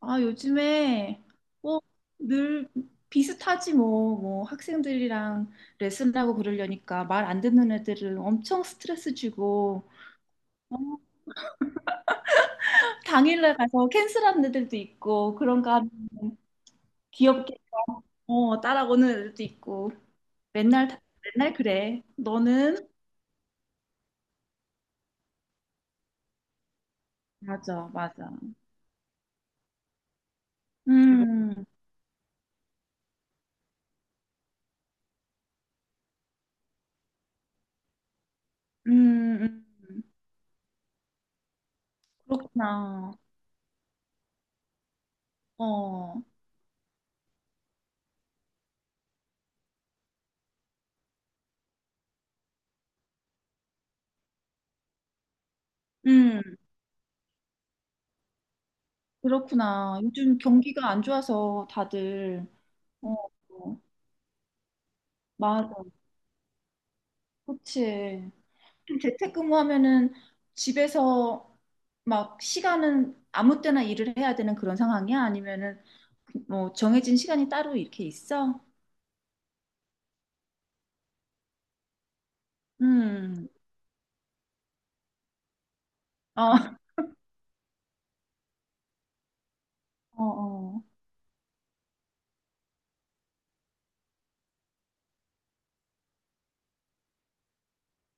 아, 요즘에 뭐 늘 비슷하지, 뭐 학생들이랑 레슨하고 그러려니까 말 안 듣는 애들은 엄청 스트레스 주고, 어, 당일날 가서 캔슬하는 애들도 있고, 그런가 하면 귀엽게, 어, 따라오는 애들도 있고, 맨날 맨날 그래. 너는? 맞아, 맞아. 음, 음, 음. 그렇구나. 어. 음. 그렇구나. 요즘 경기가 안 좋아서 다들. 어. 어. 맞아. 그치. 좀 재택근무하면은 집에서 막 시간은 아무 때나 일을 해야 되는 그런 상황이야? 아니면은 뭐 정해진 시간이 따로 이렇게 있어? 음. 어, 어,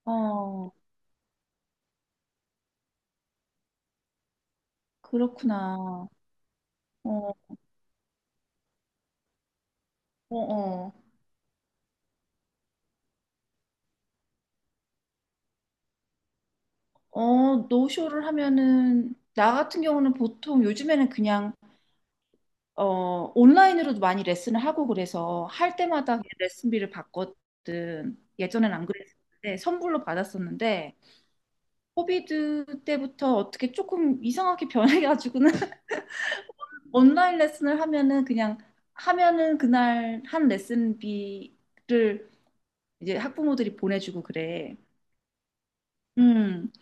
어, 어. 그렇구나. 어, 어, 어. 어, 노쇼를 하면은 나 같은 경우는 보통 요즘에는 그냥, 어, 온라인으로도 많이 레슨을 하고 그래서 할 때마다 레슨비를 받거든. 예전엔 안 그랬었는데 선불로 받았었는데 코비드 때부터 어떻게 조금 이상하게 변해가지고는 온라인 레슨을 하면은 그냥 하면은 그날 한 레슨비를 이제 학부모들이 보내주고 그래. 음.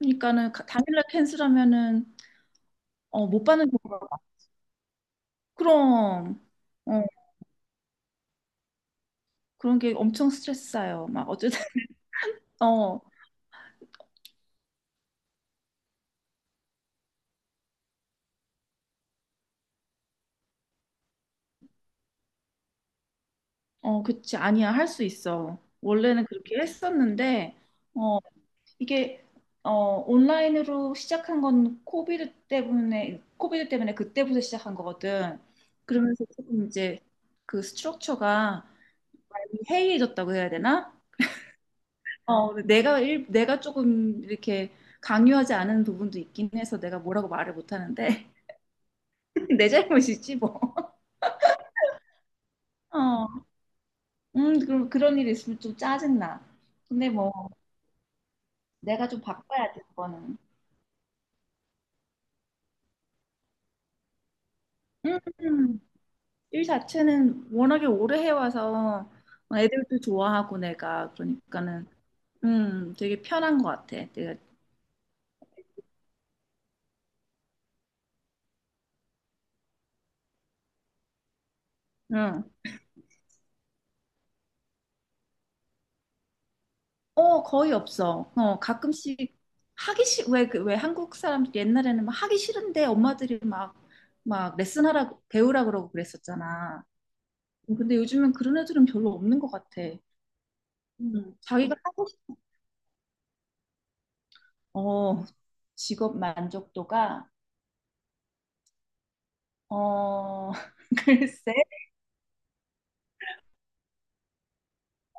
그러니까는 당일날 캔슬하면은 어, 못 받는 경우가 많아. 그럼. 어, 그런 게 엄청 스트레스 쌓여. 막 어쨌든. 어. 어, 그치. 아니야. 할 수 있어. 원래는 그렇게 했었는데, 어, 이게, 어, 온라인으로 시작한 건 코비드 때문에 그때부터 시작한 거거든. 그러면서 조금 이제 그 스트럭처가 많이 해이해졌다고 해야 되나? 어, 근데 내가 일, 내가 조금 이렇게 강요하지 않은 부분도 있긴 해서 내가 뭐라고 말을 못 하는데, 내 잘못이지, 뭐. 어. 그럼 그런 일이 있으면 좀 짜증나. 근데 뭐, 내가 좀 바꿔야 돼, 그거는. 음, 일 자체는 워낙에 오래 해와서 애들도 좋아하고 내가 그러니까는 되게 편한 것 같아. 내가. 응. 어 거의 없어. 어 가끔씩 하기 싫 왜 그 왜 한국 사람들 옛날에는 막 하기 싫은데 엄마들이 막 레슨하라고 배우라 그러고 그랬었잖아. 근데 요즘은 그런 애들은 별로 없는 것 같아. 음, 자기가 하고 싶- 어 직업 만족도가. 어, 글쎄.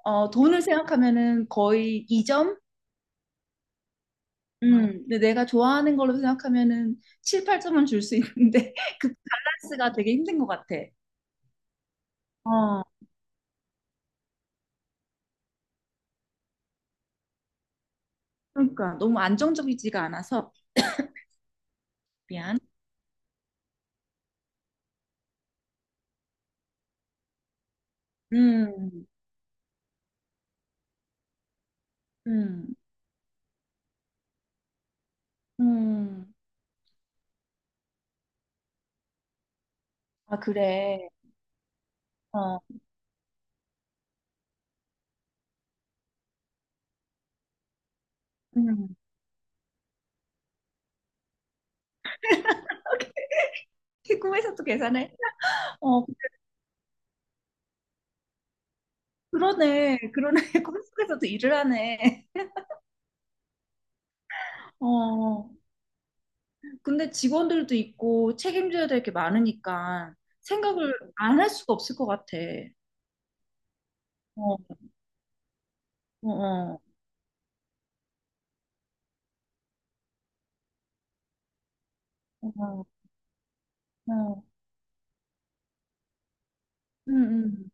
어, 돈을 생각하면은 거의 2점? 근데 내가 좋아하는 걸로 생각하면은 7, 8점은 줄 수 있는데 그 밸런스가 되게 힘든 것 같아. 어, 그러니까 너무 안정적이지가 않아서. 미안. 음, 음, 음. 아, 그래. 어. 음. 꿈에서 도 계산해? 어, 그러네. 그러네. 꿈속에서도 일을 하네. 어, 근데 직원들도 있고 책임져야 될 게 많으니까 생각을 안 할 수가 없을 것 같아. 어, 어, 어, 어, 응, 응.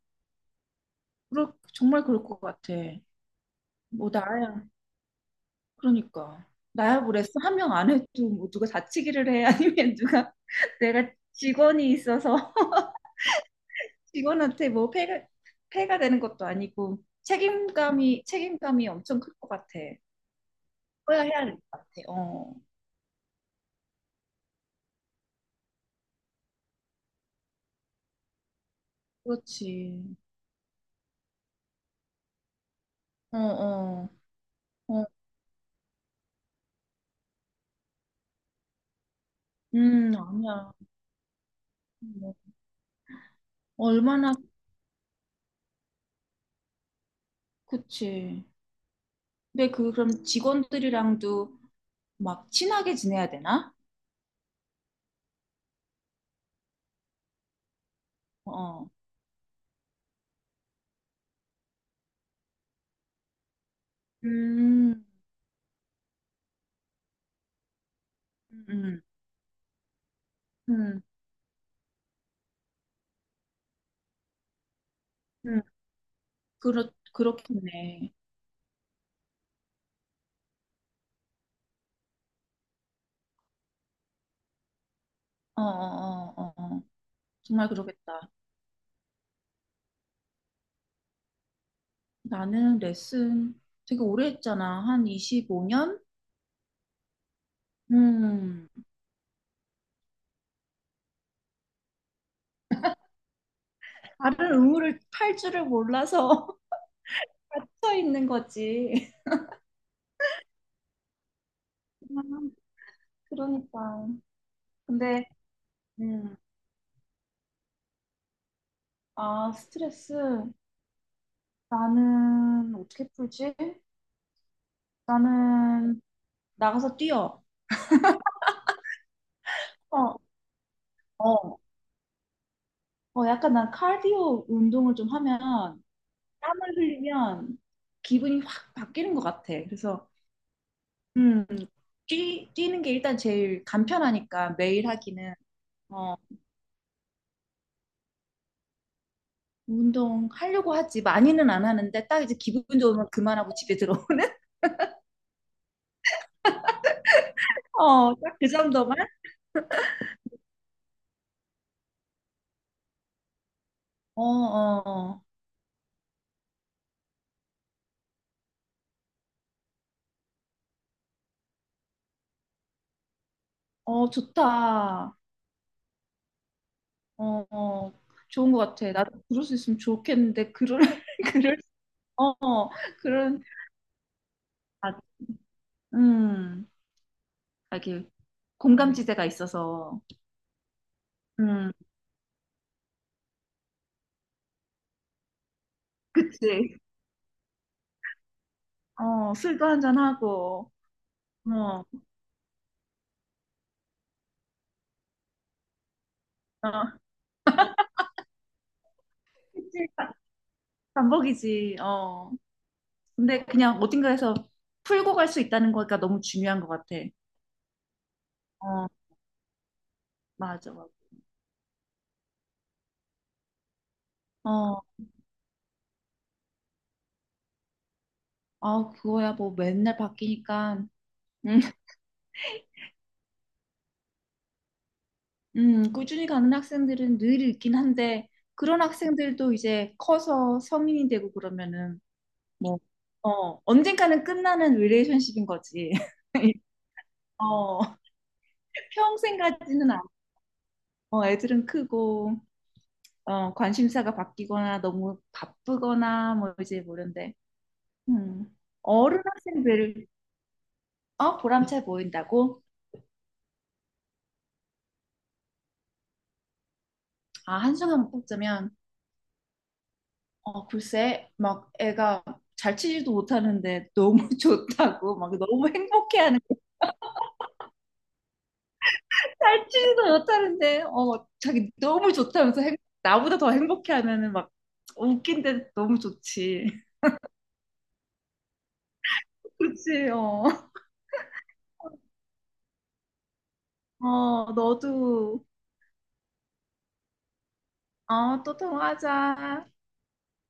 정말 그럴 것 같아. 뭐, 나야, 그러니까. 나야 그랬어. 한 명 안 해도 뭐 누가 다치기를 해. 아니면 누가 내가 직원이 있어서 직원한테 뭐 폐가 되는 것도 아니고 책임감이 엄청 클 것 같아. 그래야 해야 될 것 같아. 어, 그렇지. 어, 어, 어. 아니야. 뭐, 얼마나, 그치. 근데 그럼 직원들이랑도 막 친하게 지내야 되나? 어, 음, 음, 음, 음, 그렇겠네. 어, 어, 어, 어, 어. 정말 그러겠다. 나는 레슨 되게 오래 했잖아. 한 25년? 음, 다른 의무를 팔 줄을 몰라서 서 있는 거지. 음, 그러니까. 근데, 음, 아, 스트레스. 나는 어떻게 풀지? 나는 나가서 뛰어. 어, 어. 어, 약간 난 카디오 운동을 좀 하면 땀을 흘리면 기분이 확 바뀌는 것 같아. 그래서 음, 뛰는 게 일단 제일 간편하니까 매일 하기는. 어, 운동 하려고 하지 많이는 안 하는데 딱 이제 기분 좋으면 그만하고 집에 들어오는 어, 딱 그 정도만. 어, 어, 어, 어, 좋다. 어, 어, 좋은 것 같아. 나도 그럴 수 있으면 좋겠는데 그럴 그럴. 어, 어, 그런. 아, 음. 알게. 공감지대가 있어서. 음, 그치. 어, 술도 한잔하고, 어, 어, 그치. 반복이지. 어. 근데 그냥 어딘가에서 풀고 갈 수 있다는 거가 너무 중요한 것 같아. 어, 맞아, 맞아. 어. 아, 그거야 뭐 맨날 바뀌니까. 음. 꾸준히 가는 학생들은 늘 있긴 한데, 그런 학생들도 이제 커서 성인이 되고 그러면은, 뭐, 어, 언젠가는 끝나는 릴레이션십인 거지. 어. 평생 가지는 않아. 어, 애들은 크고 어, 관심사가 바뀌거나 너무 바쁘거나 뭐 이제 모른데. 음. 어른 학생들. 어, 보람차 보인다고? 아, 한순간 뽑자면 어, 글쎄 막 애가 잘 치지도 못하는데 너무 좋다고 막 너무 행복해하는 거야. 잘 치지도 못하는데 어 자기 너무 좋다면서 나보다 더 행복해하면은 막 웃긴데 너무 좋지. 그치, 어. 어, 너도. 어, 또 통화하자.